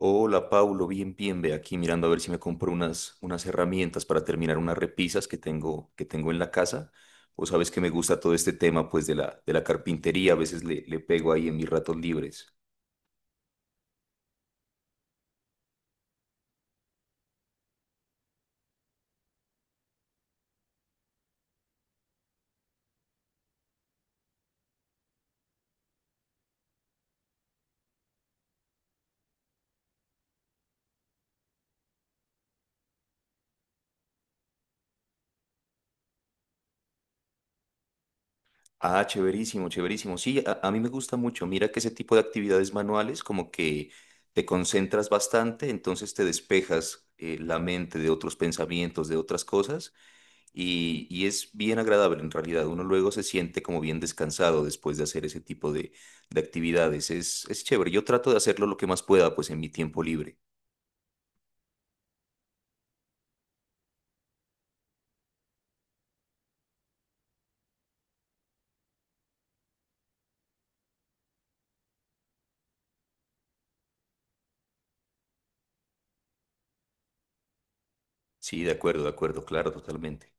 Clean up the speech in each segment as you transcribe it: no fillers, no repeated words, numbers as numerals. Hola, Paulo, bien, bien, ve aquí mirando a ver si me compro unas herramientas para terminar unas repisas que tengo en la casa. Vos sabes que me gusta todo este tema pues de la carpintería, a veces le pego ahí en mis ratos libres. Ah, chéverísimo, chéverísimo. Sí, a mí me gusta mucho. Mira que ese tipo de actividades manuales como que te concentras bastante, entonces te despejas la mente de otros pensamientos, de otras cosas, y es bien agradable en realidad. Uno luego se siente como bien descansado después de hacer ese tipo de actividades. Es chévere. Yo trato de hacerlo lo que más pueda, pues en mi tiempo libre. Sí, de acuerdo, claro, totalmente.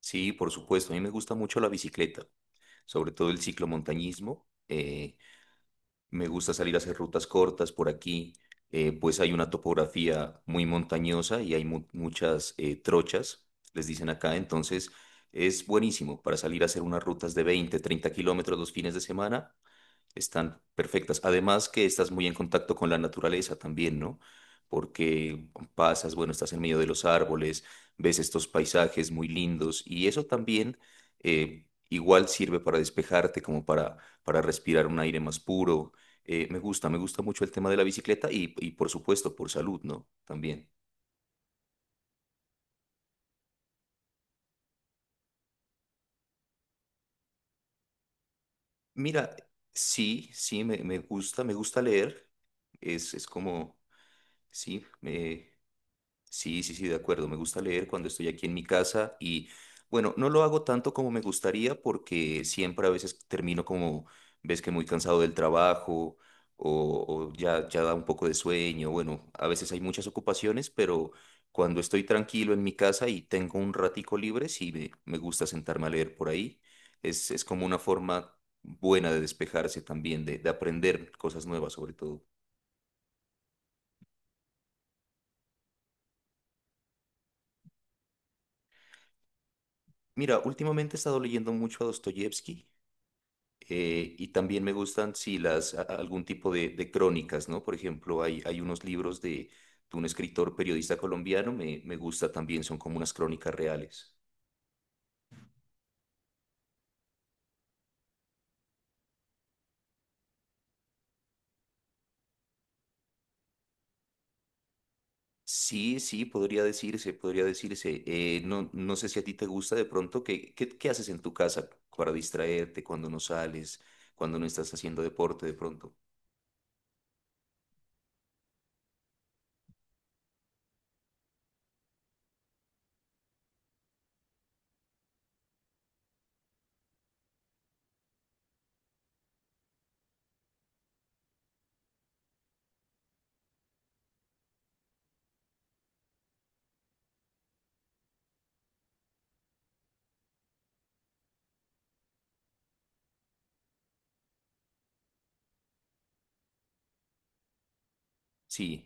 Sí, por supuesto. A mí me gusta mucho la bicicleta, sobre todo el ciclomontañismo. Me gusta salir a hacer rutas cortas por aquí, pues hay una topografía muy montañosa y hay muchas trochas, les dicen acá, entonces es buenísimo para salir a hacer unas rutas de 20, 30 kilómetros los fines de semana están perfectas. Además que estás muy en contacto con la naturaleza también, ¿no? Porque pasas, bueno, estás en medio de los árboles, ves estos paisajes muy lindos y eso también igual sirve para despejarte, como para respirar un aire más puro. Me gusta mucho el tema de la bicicleta y por supuesto por salud, ¿no? También. Mira, sí, sí, me gusta leer. Es como, sí. Sí, sí, sí, de acuerdo. Me gusta leer cuando estoy aquí en mi casa y bueno, no lo hago tanto como me gustaría porque siempre a veces termino como, ves que muy cansado del trabajo o ya, ya da un poco de sueño. Bueno, a veces hay muchas ocupaciones, pero cuando estoy tranquilo en mi casa y tengo un ratico libre, sí me gusta sentarme a leer por ahí. Es como una forma buena de despejarse también, de aprender cosas nuevas sobre todo. Mira, últimamente he estado leyendo mucho a Dostoyevsky. Y también me gustan, sí, algún tipo de crónicas, ¿no? Por ejemplo, hay unos libros de un escritor periodista colombiano, me gusta también, son como unas crónicas reales. Sí, sí, podría decirse, podría decirse. No, no sé si a ti te gusta de pronto, ¿qué haces en tu casa para distraerte cuando no sales, cuando no estás haciendo deporte de pronto? Sí.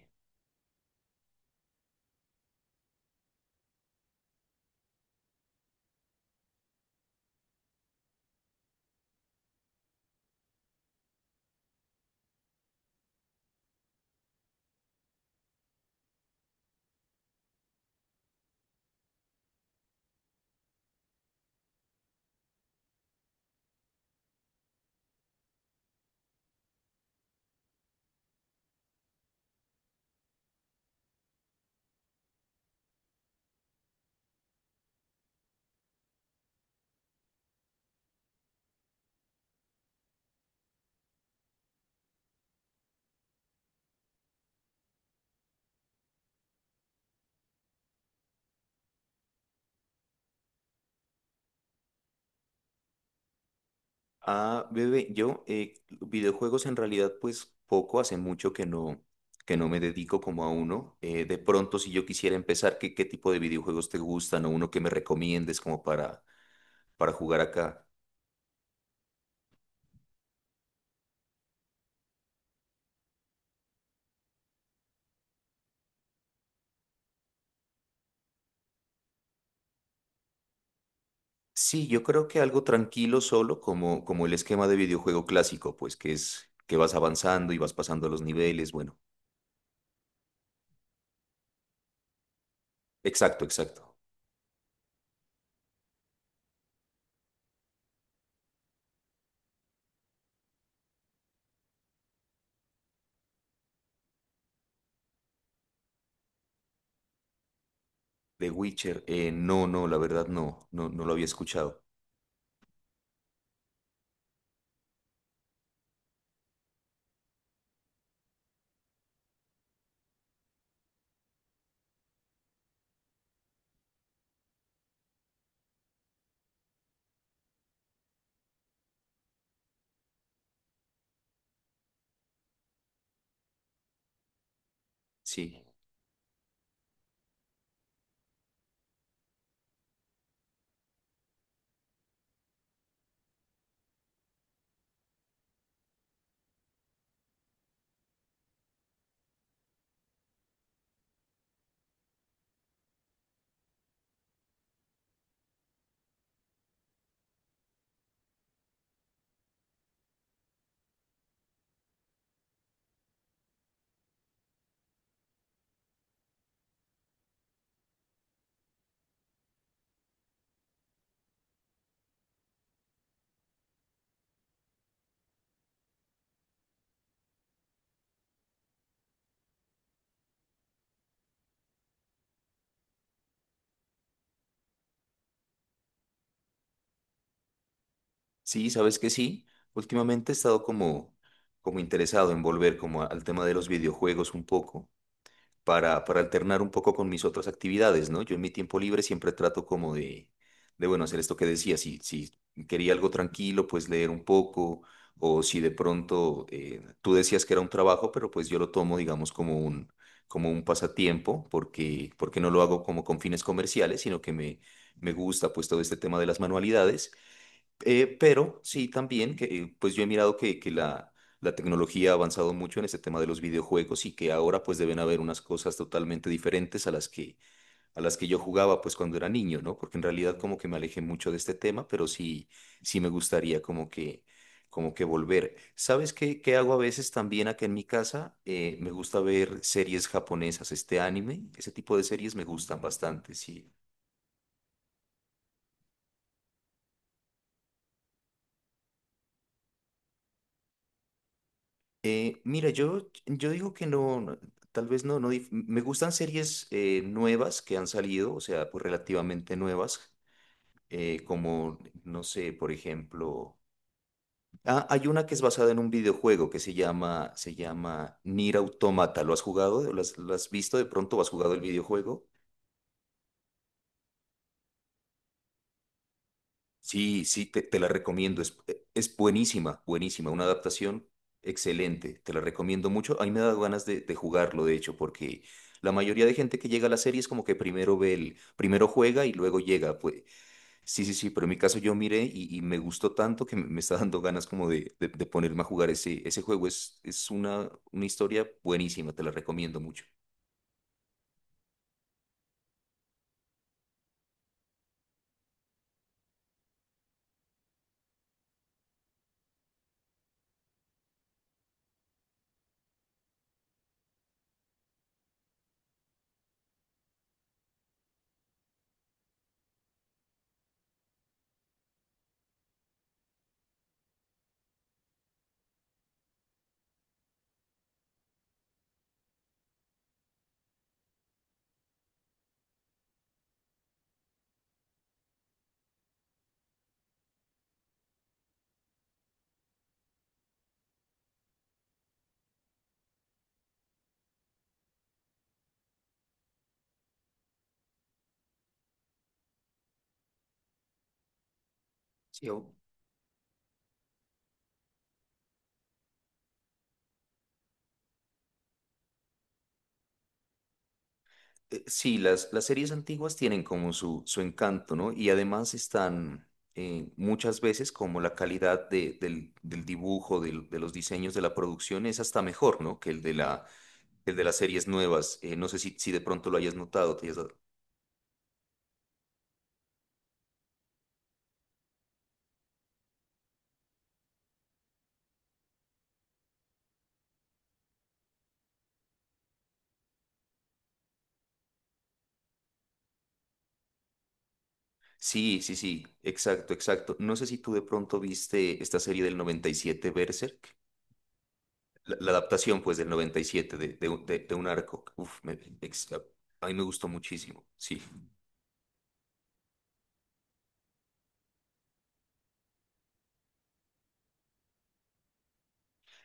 Ah, bebé, yo videojuegos en realidad pues poco, hace mucho que no me dedico como a uno. De pronto si yo quisiera empezar, ¿qué tipo de videojuegos te gustan o uno que me recomiendes como para jugar acá? Sí, yo creo que algo tranquilo solo, como el esquema de videojuego clásico, pues que es que vas avanzando y vas pasando los niveles, bueno. Exacto, exacto. The Witcher, no, no, la verdad no, no, no lo había escuchado. Sí. Sí, sabes que sí. Últimamente he estado como interesado en volver como al tema de los videojuegos un poco, para alternar un poco con mis otras actividades, ¿no? Yo en mi tiempo libre siempre trato como de bueno, hacer esto que decía, si quería algo tranquilo, pues leer un poco, o si de pronto tú decías que era un trabajo, pero pues yo lo tomo, digamos, como un, pasatiempo, porque no lo hago como con fines comerciales, sino que me gusta pues todo este tema de las manualidades. Pero sí también que pues yo he mirado que la tecnología ha avanzado mucho en este tema de los videojuegos y que ahora pues deben haber unas cosas totalmente diferentes a las que yo jugaba pues cuando era niño, ¿no? Porque en realidad como que me alejé mucho de este tema, pero sí sí me gustaría como que volver. ¿Sabes qué hago a veces también acá en mi casa? Me gusta ver series japonesas, este anime, ese tipo de series me gustan bastante, sí. Mira, yo digo que no, no, tal vez no, no, me gustan series nuevas que han salido, o sea, pues relativamente nuevas, como, no sé, por ejemplo, ah, hay una que es basada en un videojuego que se llama Nier Automata, ¿lo has jugado? ¿Lo has visto de pronto? ¿O has jugado el videojuego? Sí, sí, te la recomiendo. Es buenísima, buenísima. Una adaptación excelente. Te la recomiendo mucho. A mí me da ganas de jugarlo, de hecho, porque la mayoría de gente que llega a la serie es como que primero juega y luego llega. Pues sí, sí, sí, pero en mi caso yo miré y me gustó tanto que me está dando ganas como de ponerme a jugar ese juego. Es una historia buenísima, te la recomiendo mucho. Sí, sí, las series antiguas tienen como su encanto, ¿no? Y además están muchas veces como la calidad del dibujo, de los diseños de la producción es hasta mejor, ¿no? Que el de las series nuevas. No sé si de pronto lo hayas notado. Sí, sí, sí, exacto, exacto. No sé si tú de pronto viste esta serie del 97 Berserk. La adaptación, pues, del 97 de un arco. Uf, ex- a mí me gustó muchísimo, sí.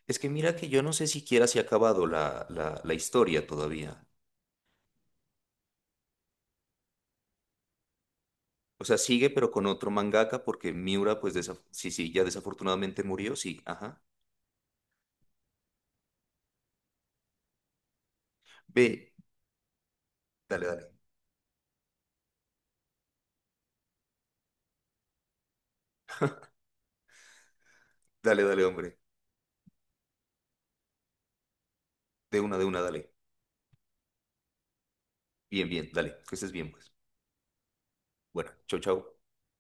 Es que mira que yo no sé siquiera si ha acabado la historia todavía. O sea, sigue pero con otro mangaka porque Miura, pues sí, sí, ya desafortunadamente murió, sí, ajá. Ve, dale, dale, dale, dale, hombre. De una, dale. Bien, bien, dale, que estés bien, pues. Bueno, chau, chau.